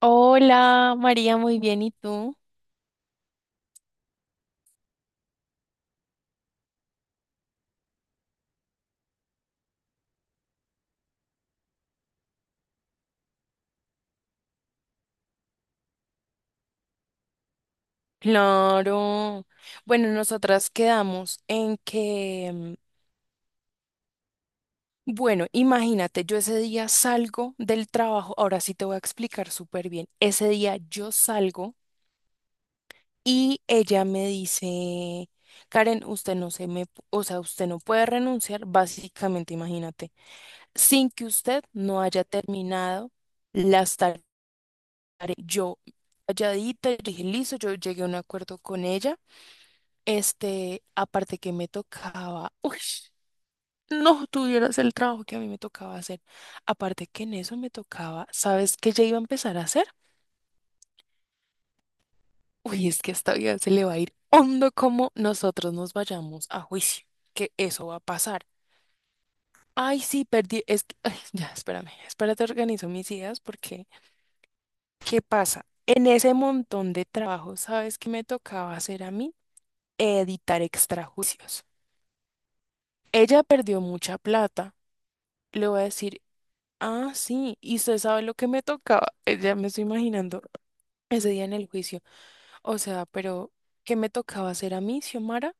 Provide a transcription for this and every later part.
Hola, María, muy bien, ¿y tú? Claro. Bueno, nosotras quedamos en que, bueno, imagínate, yo ese día salgo del trabajo, ahora sí te voy a explicar súper bien. Ese día yo salgo y ella me dice, Karen, usted no se me, o sea, usted no puede renunciar, básicamente, imagínate, sin que usted no haya terminado las tareas. Yo calladita, yo dije, listo, yo llegué a un acuerdo con ella. Aparte que me tocaba, uy, no tuvieras el trabajo que a mí me tocaba hacer. Aparte que en eso me tocaba, ¿sabes qué ya iba a empezar a hacer? Uy, es que esta vida se le va a ir hondo como nosotros nos vayamos a juicio, que eso va a pasar. Ay, sí, perdí, es que, ay, ya, espérame, espérate, organizo mis ideas porque, ¿qué pasa? En ese montón de trabajo, ¿sabes qué me tocaba hacer a mí? Editar extrajudicios. Ella perdió mucha plata. Le voy a decir, ah, sí, y usted sabe lo que me tocaba, ya me estoy imaginando ese día en el juicio. O sea, pero ¿qué me tocaba hacer a mí, Xiomara?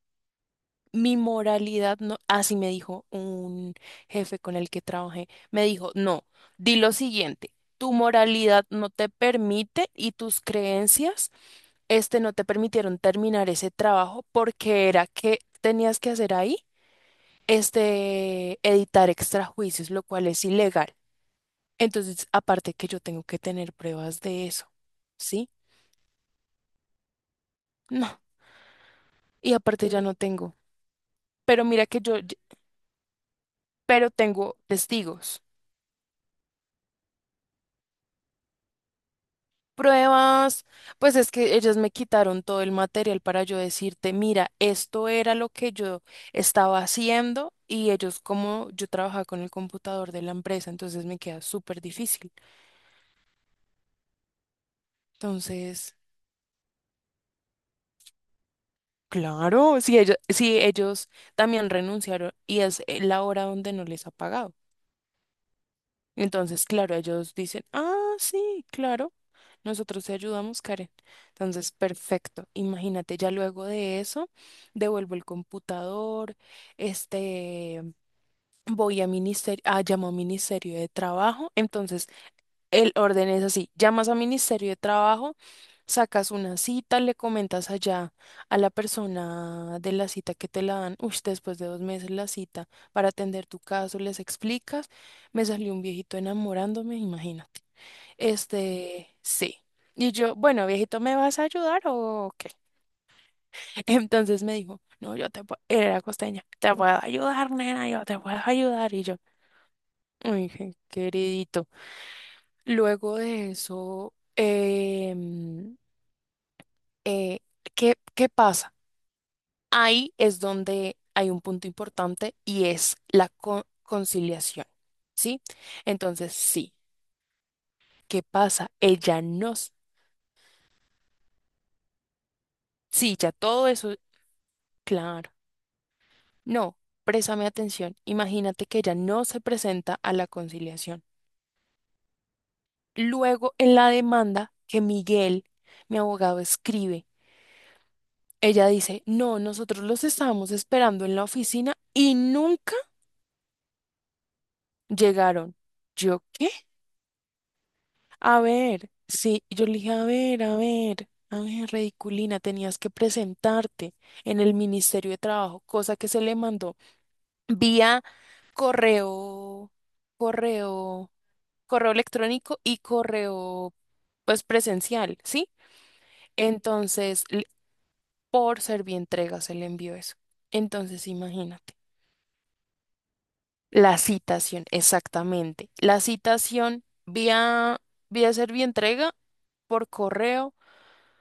Mi moralidad no, así me dijo un jefe con el que trabajé, me dijo, no, di lo siguiente, tu moralidad no te permite y tus creencias, no te permitieron terminar ese trabajo porque era que tenías que hacer ahí, editar extrajuicios, lo cual es ilegal. Entonces, aparte que yo tengo que tener pruebas de eso, ¿sí? No. Y aparte ya no tengo. Pero mira que pero tengo testigos. Pruebas, pues es que ellas me quitaron todo el material para yo decirte, mira, esto era lo que yo estaba haciendo y ellos como yo trabajaba con el computador de la empresa, entonces me queda súper difícil. Entonces, claro, si ellos también renunciaron y es la hora donde no les ha pagado. Entonces, claro, ellos dicen, ah, sí, claro, nosotros te ayudamos, Karen. Entonces, perfecto. Imagínate, ya luego de eso, devuelvo el computador, este, voy a ministerio, ah, llamo a Ministerio de Trabajo. Entonces, el orden es así, llamas a Ministerio de Trabajo, sacas una cita, le comentas allá a la persona de la cita que te la dan, uy, después de 2 meses la cita, para atender tu caso, les explicas, me salió un viejito enamorándome, imagínate. Sí. Y yo, bueno, viejito, ¿me vas a ayudar o qué? Entonces me dijo, no, yo te puedo, era costeña, te puedo ayudar, nena, yo te puedo ayudar. Y yo, uy, qué queridito. Luego de eso, eh, ¿qué pasa? Ahí es donde hay un punto importante y es la conciliación, ¿sí? Entonces, sí, ¿qué pasa? Ella nos... Sí, ya todo eso, claro. No, préstame atención. Imagínate que ella no se presenta a la conciliación. Luego, en la demanda que Miguel, mi abogado, escribe. Ella dice, no, nosotros los estábamos esperando en la oficina y nunca llegaron. ¿Yo qué? A ver, sí, yo le dije, a ver, a ver, a ver, ridiculina, tenías que presentarte en el Ministerio de Trabajo, cosa que se le mandó vía correo, correo, electrónico y correo, pues presencial, ¿sí? Entonces, por Servientrega se le envió eso. Entonces, imagínate. La citación, exactamente. La citación vía, vía entrega por correo,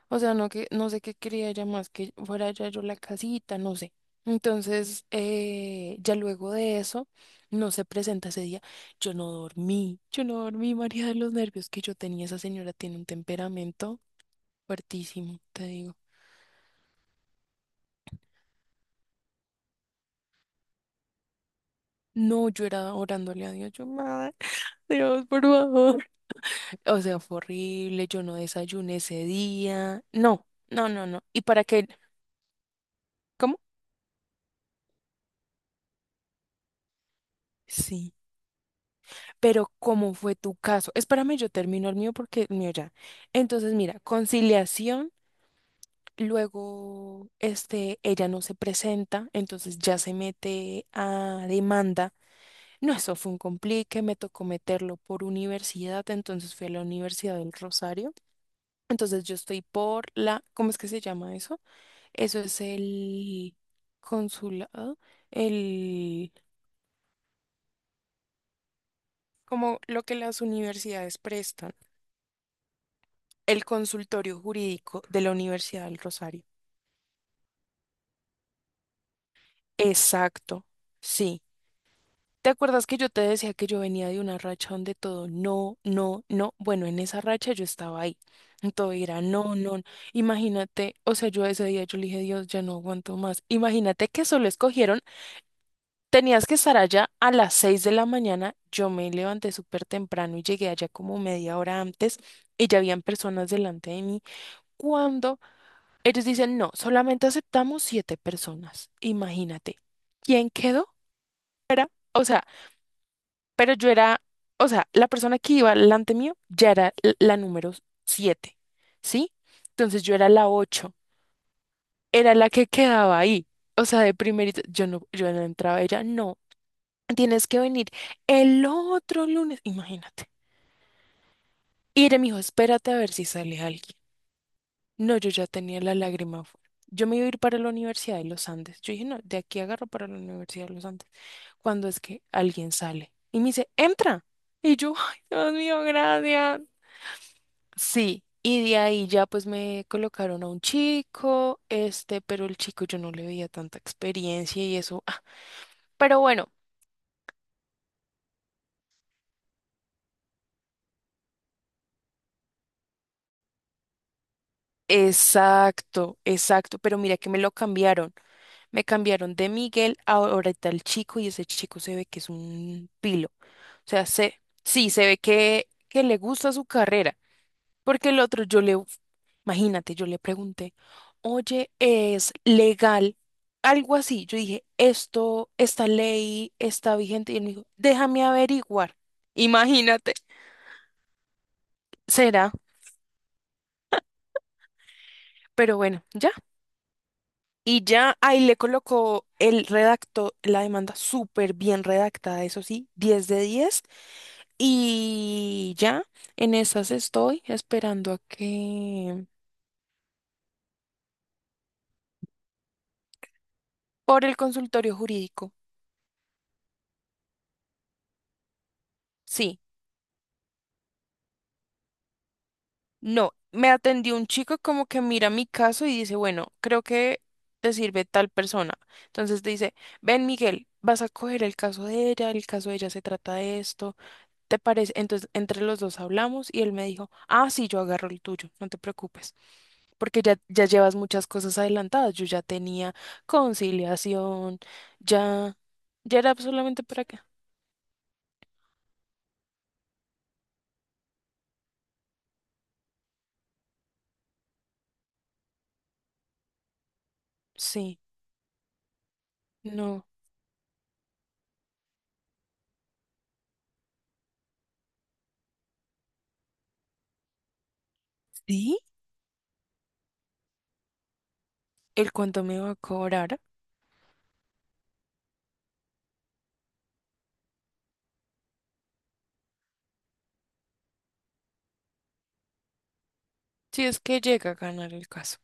o sea, no que, no sé qué quería ella más que fuera ya yo la casita, no sé. Entonces, ya luego de eso, no se presenta ese día. Yo no dormí, María, de los nervios que yo tenía. Esa señora tiene un temperamento fuertísimo, te digo. No, yo era orándole a Dios, yo, madre, Dios, por favor. O sea, fue horrible, yo no desayuné ese día. No, no, no, no. ¿Y para qué? ¿Cómo? Sí. Pero ¿cómo fue tu caso? Espérame, yo termino el mío porque el mío ya. Entonces, mira, conciliación, luego, ella no se presenta, entonces ya se mete a demanda. No, eso fue un complique, me tocó meterlo por universidad, entonces fui a la Universidad del Rosario. Entonces yo estoy por la, ¿cómo es que se llama eso? Eso es el consulado, el, como lo que las universidades prestan, el consultorio jurídico de la Universidad del Rosario. Exacto, sí. ¿Te acuerdas que yo te decía que yo venía de una racha donde todo no, no, no? Bueno, en esa racha yo estaba ahí. Todo era no, no. no. Imagínate, o sea, yo ese día yo le dije, Dios, ya no aguanto más. Imagínate que solo escogieron. Tenías que estar allá a las 6 de la mañana. Yo me levanté súper temprano y llegué allá como media hora antes y ya habían personas delante de mí. Cuando ellos dicen, no, solamente aceptamos 7 personas. Imagínate. ¿Quién quedó? Era, o sea, pero yo era, o sea, la persona que iba delante mío ya era la número 7, ¿sí? Entonces yo era la 8, era la que quedaba ahí. O sea, de primerito, yo no entraba, ella no. Tienes que venir el otro lunes, imagínate. Y me dijo, espérate a ver si sale alguien. No, yo ya tenía la lágrima afuera. Yo me iba a ir para la Universidad de los Andes. Yo dije, no, de aquí agarro para la Universidad de los Andes. Cuando es que alguien sale y me dice, entra. Y yo, ay, Dios mío, gracias. Sí. Y de ahí ya pues me colocaron a un chico, pero el chico yo no le veía tanta experiencia y eso. Ah, pero bueno, exacto, exacto. Pero mira que me lo cambiaron. Me cambiaron de Miguel a ahora tal chico y ese chico se ve que es un pilo. O sea, se, sí, se ve que le gusta su carrera. Porque el otro, yo le, imagínate, yo le pregunté, oye, ¿es legal? Algo así. Yo dije, esto, esta ley está vigente. Y él me dijo, déjame averiguar. Imagínate, será. Pero bueno, ya. Y ya ahí le colocó el redacto, la demanda súper bien redactada, eso sí, 10 de 10. Y ya, en esas estoy esperando a que... Por el consultorio jurídico. Sí, no, me atendió un chico como que mira mi caso y dice, bueno, creo que te sirve tal persona. Entonces te dice, ven Miguel, vas a coger el caso de ella, el caso de ella se trata de esto. ¿Te parece? Entonces, entre los dos hablamos y él me dijo, ah, sí, yo agarro el tuyo, no te preocupes, porque ya, ya llevas muchas cosas adelantadas. Yo ya tenía conciliación, ya, ya era solamente para acá. Sí, no. ¿Sí? ¿El cuánto me va a cobrar? Si es que llega a ganar el caso.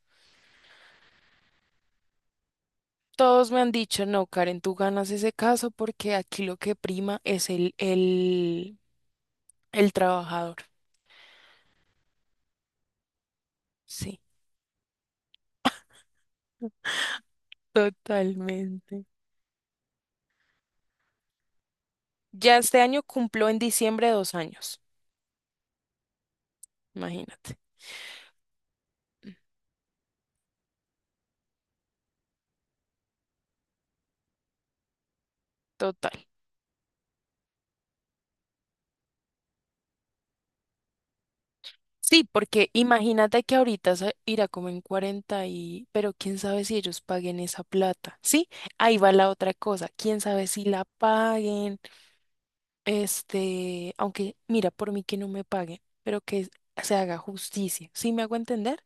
Todos me han dicho, no, Karen, tú ganas ese caso porque aquí lo que prima es el trabajador. Sí, totalmente. Ya este año cumplo en diciembre 2 años, imagínate. Total. Sí, porque imagínate que ahorita se irá como en 40 y, pero quién sabe si ellos paguen esa plata, ¿sí? Ahí va la otra cosa, quién sabe si la paguen, aunque mira, por mí que no me paguen, pero que se haga justicia, ¿sí me hago entender?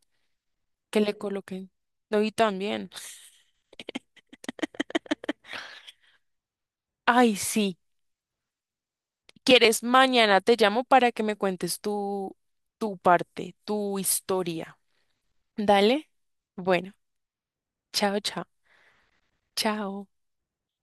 Que le coloquen. No, y también. Ay, sí, quieres, mañana te llamo para que me cuentes tu, tu parte, tu historia. Dale. Bueno, chao, chao. Chao.